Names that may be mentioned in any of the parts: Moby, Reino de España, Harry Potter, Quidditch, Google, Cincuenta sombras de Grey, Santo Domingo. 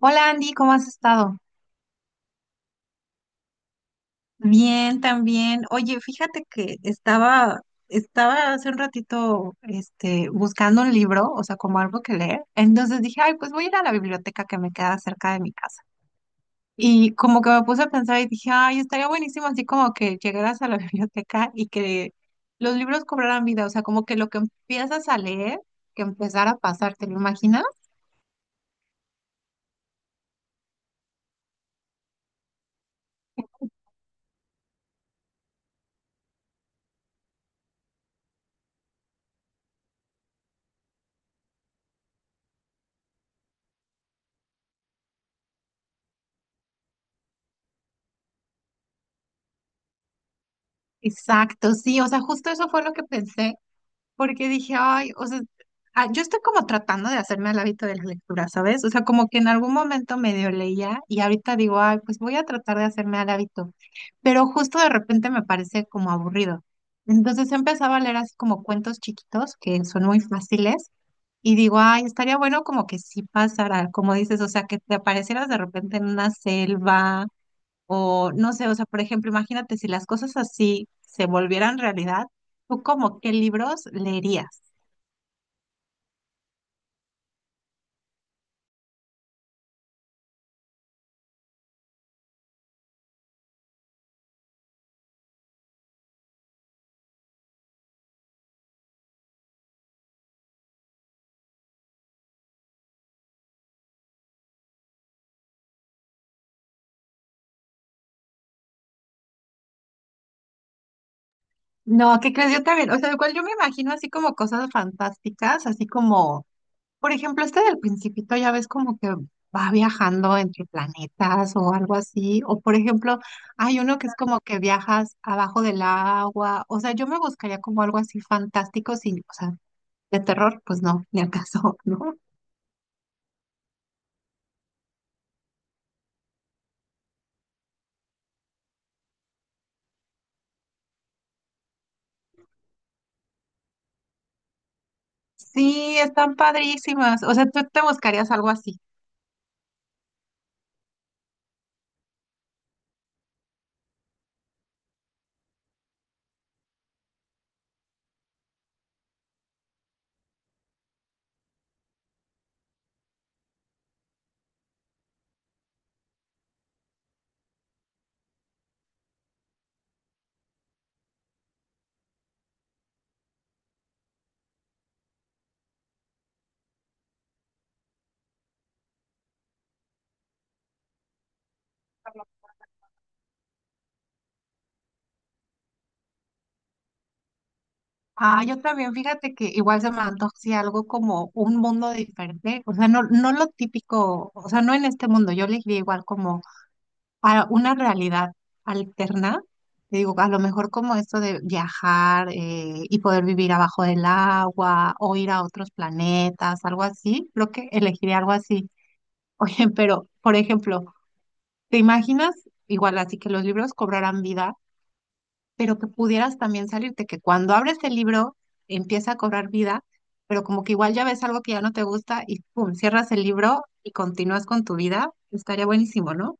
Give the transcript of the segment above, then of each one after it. Hola Andy, ¿cómo has estado? Bien, también. Oye, fíjate que estaba hace un ratito, buscando un libro, o sea, como algo que leer. Entonces dije, ay, pues voy a ir a la biblioteca que me queda cerca de mi casa. Y como que me puse a pensar y dije, ay, estaría buenísimo así como que llegaras a la biblioteca y que los libros cobraran vida, o sea, como que lo que empiezas a leer, que empezara a pasar, ¿te lo imaginas? Exacto, sí, o sea, justo eso fue lo que pensé porque dije, ay, o sea, yo estoy como tratando de hacerme al hábito de la lectura, ¿sabes? O sea, como que en algún momento medio leía y ahorita digo, ay, pues voy a tratar de hacerme al hábito, pero justo de repente me parece como aburrido. Entonces empezaba a leer así como cuentos chiquitos que son muy fáciles y digo, ay, estaría bueno como que sí pasara, como dices, o sea, que te aparecieras de repente en una selva o no sé, o sea, por ejemplo, imagínate si las cosas así se volvieran realidad. ¿Tú como qué libros leerías? No, ¿qué crees? Yo también, o sea, igual yo me imagino así como cosas fantásticas, así como, por ejemplo, este del Principito ya ves como que va viajando entre planetas o algo así, o por ejemplo, hay uno que es como que viajas abajo del agua, o sea, yo me buscaría como algo así fantástico, sin, o sea, de terror, pues no, ni al caso, ¿no? Sí, están padrísimas, o sea, tú te buscarías algo así. Ah, yo también, fíjate que igual se me antoja así algo como un mundo diferente, o sea, no, no lo típico, o sea, no en este mundo, yo le diría igual como a una realidad alterna, te digo, a lo mejor como esto de viajar y poder vivir abajo del agua o ir a otros planetas, algo así, creo que elegiría algo así. Oye, pero, por ejemplo, ¿te imaginas igual así que los libros cobrarán vida? Pero que pudieras también salirte, que cuando abres el libro empieza a cobrar vida, pero como que igual ya ves algo que ya no te gusta y pum, cierras el libro y continúas con tu vida, estaría buenísimo, ¿no?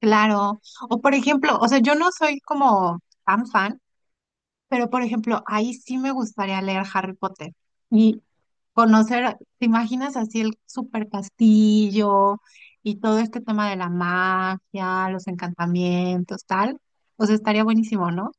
Claro. O por ejemplo, o sea, yo no soy como tan fan, pero por ejemplo, ahí sí me gustaría leer Harry Potter y conocer, ¿te imaginas así el super castillo y todo este tema de la magia, los encantamientos, tal? O sea, estaría buenísimo, ¿no?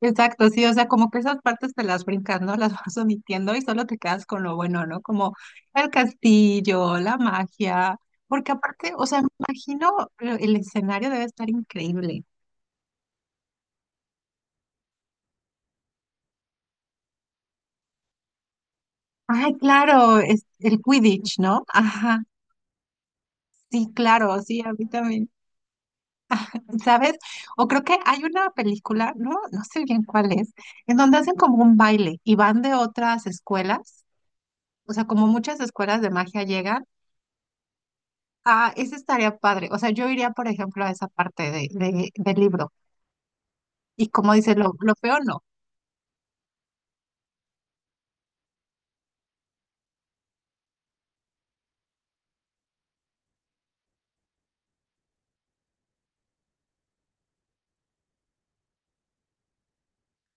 Exacto, sí, o sea, como que esas partes te las brincas, ¿no? Las vas omitiendo y solo te quedas con lo bueno, ¿no? Como el castillo, la magia, porque aparte, o sea, me imagino el escenario debe estar increíble. Ay, claro, es el Quidditch, ¿no? Ajá, sí, claro, sí, a mí también, ¿sabes? O creo que hay una película, no sé bien cuál es, en donde hacen como un baile y van de otras escuelas, o sea, como muchas escuelas de magia llegan. Ah, esa estaría padre. O sea, yo iría, por ejemplo, a esa parte del libro. Y como dice, lo peor no.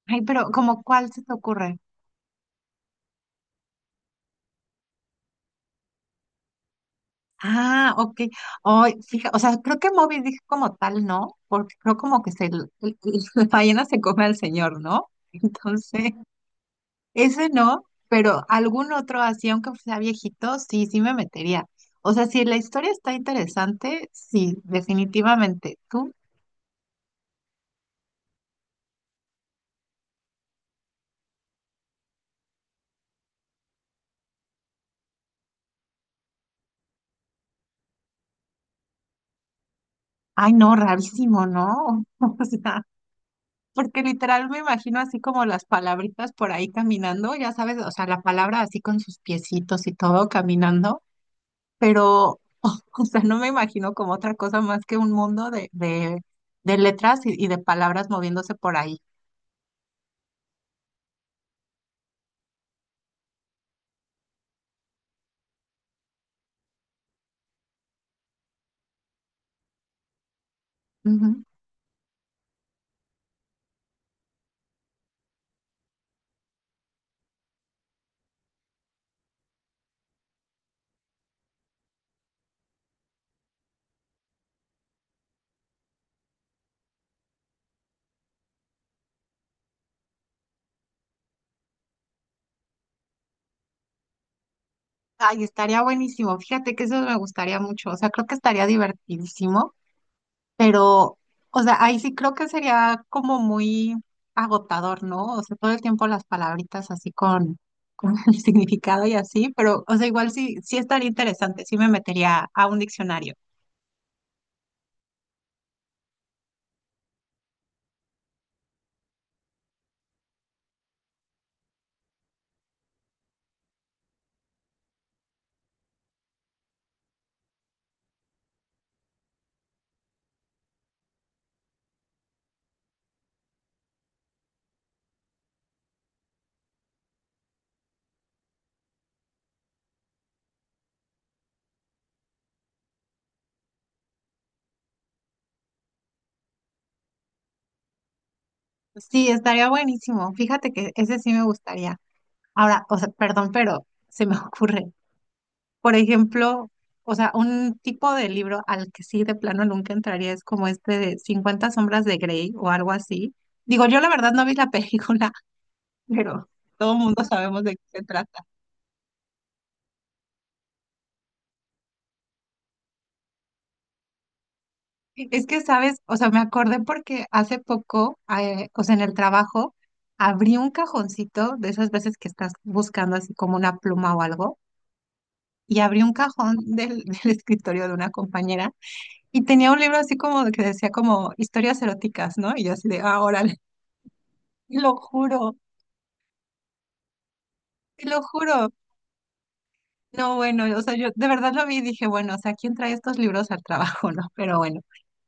Ay, ¿pero como cuál se te ocurre? Ah, ok. Ay, fija, o sea, creo que Moby dijo como tal, ¿no? Porque creo como que la ballena se come al señor, ¿no? Entonces, ese no, pero algún otro así, aunque sea viejito, sí me metería. O sea, si la historia está interesante, sí, definitivamente. Tú, ay, no, rarísimo, ¿no? O sea. Porque literal me imagino así como las palabritas por ahí caminando, ya sabes, o sea, la palabra así con sus piecitos y todo caminando, pero, o sea, no me imagino como otra cosa más que un mundo de letras y de palabras moviéndose por ahí. Ujú. Ay, estaría buenísimo, fíjate que eso me gustaría mucho, o sea, creo que estaría divertidísimo. Pero, o sea, ahí sí creo que sería como muy agotador, ¿no? O sea, todo el tiempo las palabritas así con el significado y así, pero, o sea, igual sí, sí estaría interesante, sí me metería a un diccionario. Sí, estaría buenísimo. Fíjate que ese sí me gustaría. Ahora, o sea, perdón, pero se me ocurre. Por ejemplo, o sea, un tipo de libro al que sí de plano nunca entraría es como este de cincuenta sombras de Grey o algo así. Digo, yo la verdad no vi la película, pero todo el mundo sabemos de qué se trata. Es que, ¿sabes? O sea, me acordé porque hace poco, o sea, en el trabajo, abrí un cajoncito de esas veces que estás buscando así como una pluma o algo, y abrí un cajón del escritorio de una compañera y tenía un libro así como de que decía como historias eróticas, ¿no? Y yo así de, ah, órale, te lo juro, te lo juro. No, bueno, o sea, yo de verdad lo vi y dije, bueno, o sea, ¿quién trae estos libros al trabajo, no? Pero bueno.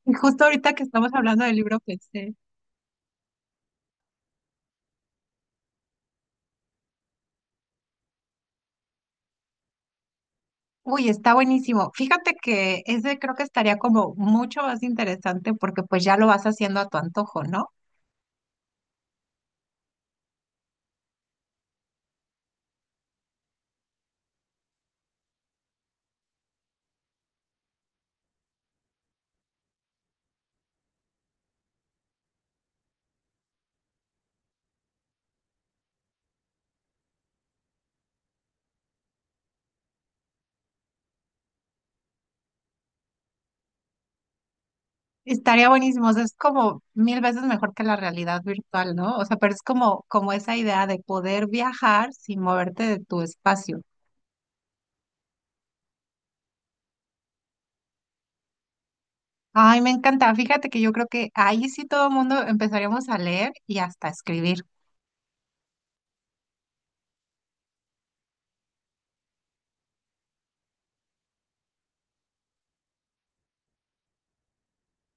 Y justo ahorita que estamos hablando del libro, pensé, uy, está buenísimo. Fíjate que ese creo que estaría como mucho más interesante porque pues ya lo vas haciendo a tu antojo, ¿no? Estaría buenísimo. O sea, es como mil veces mejor que la realidad virtual, ¿no? O sea, pero es como, como esa idea de poder viajar sin moverte de tu espacio. Ay, me encanta. Fíjate que yo creo que ahí sí todo el mundo empezaríamos a leer y hasta a escribir.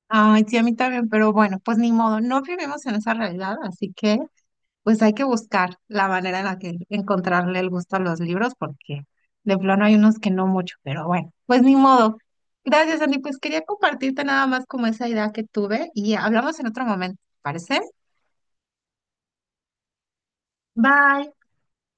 Ay, sí, a mí también, pero bueno, pues ni modo, no vivimos en esa realidad, así que pues hay que buscar la manera en la que encontrarle el gusto a los libros, porque de plano hay unos que no mucho, pero bueno, pues ni modo. Gracias, Andy. Pues quería compartirte nada más como esa idea que tuve y hablamos en otro momento, ¿te parece? Bye.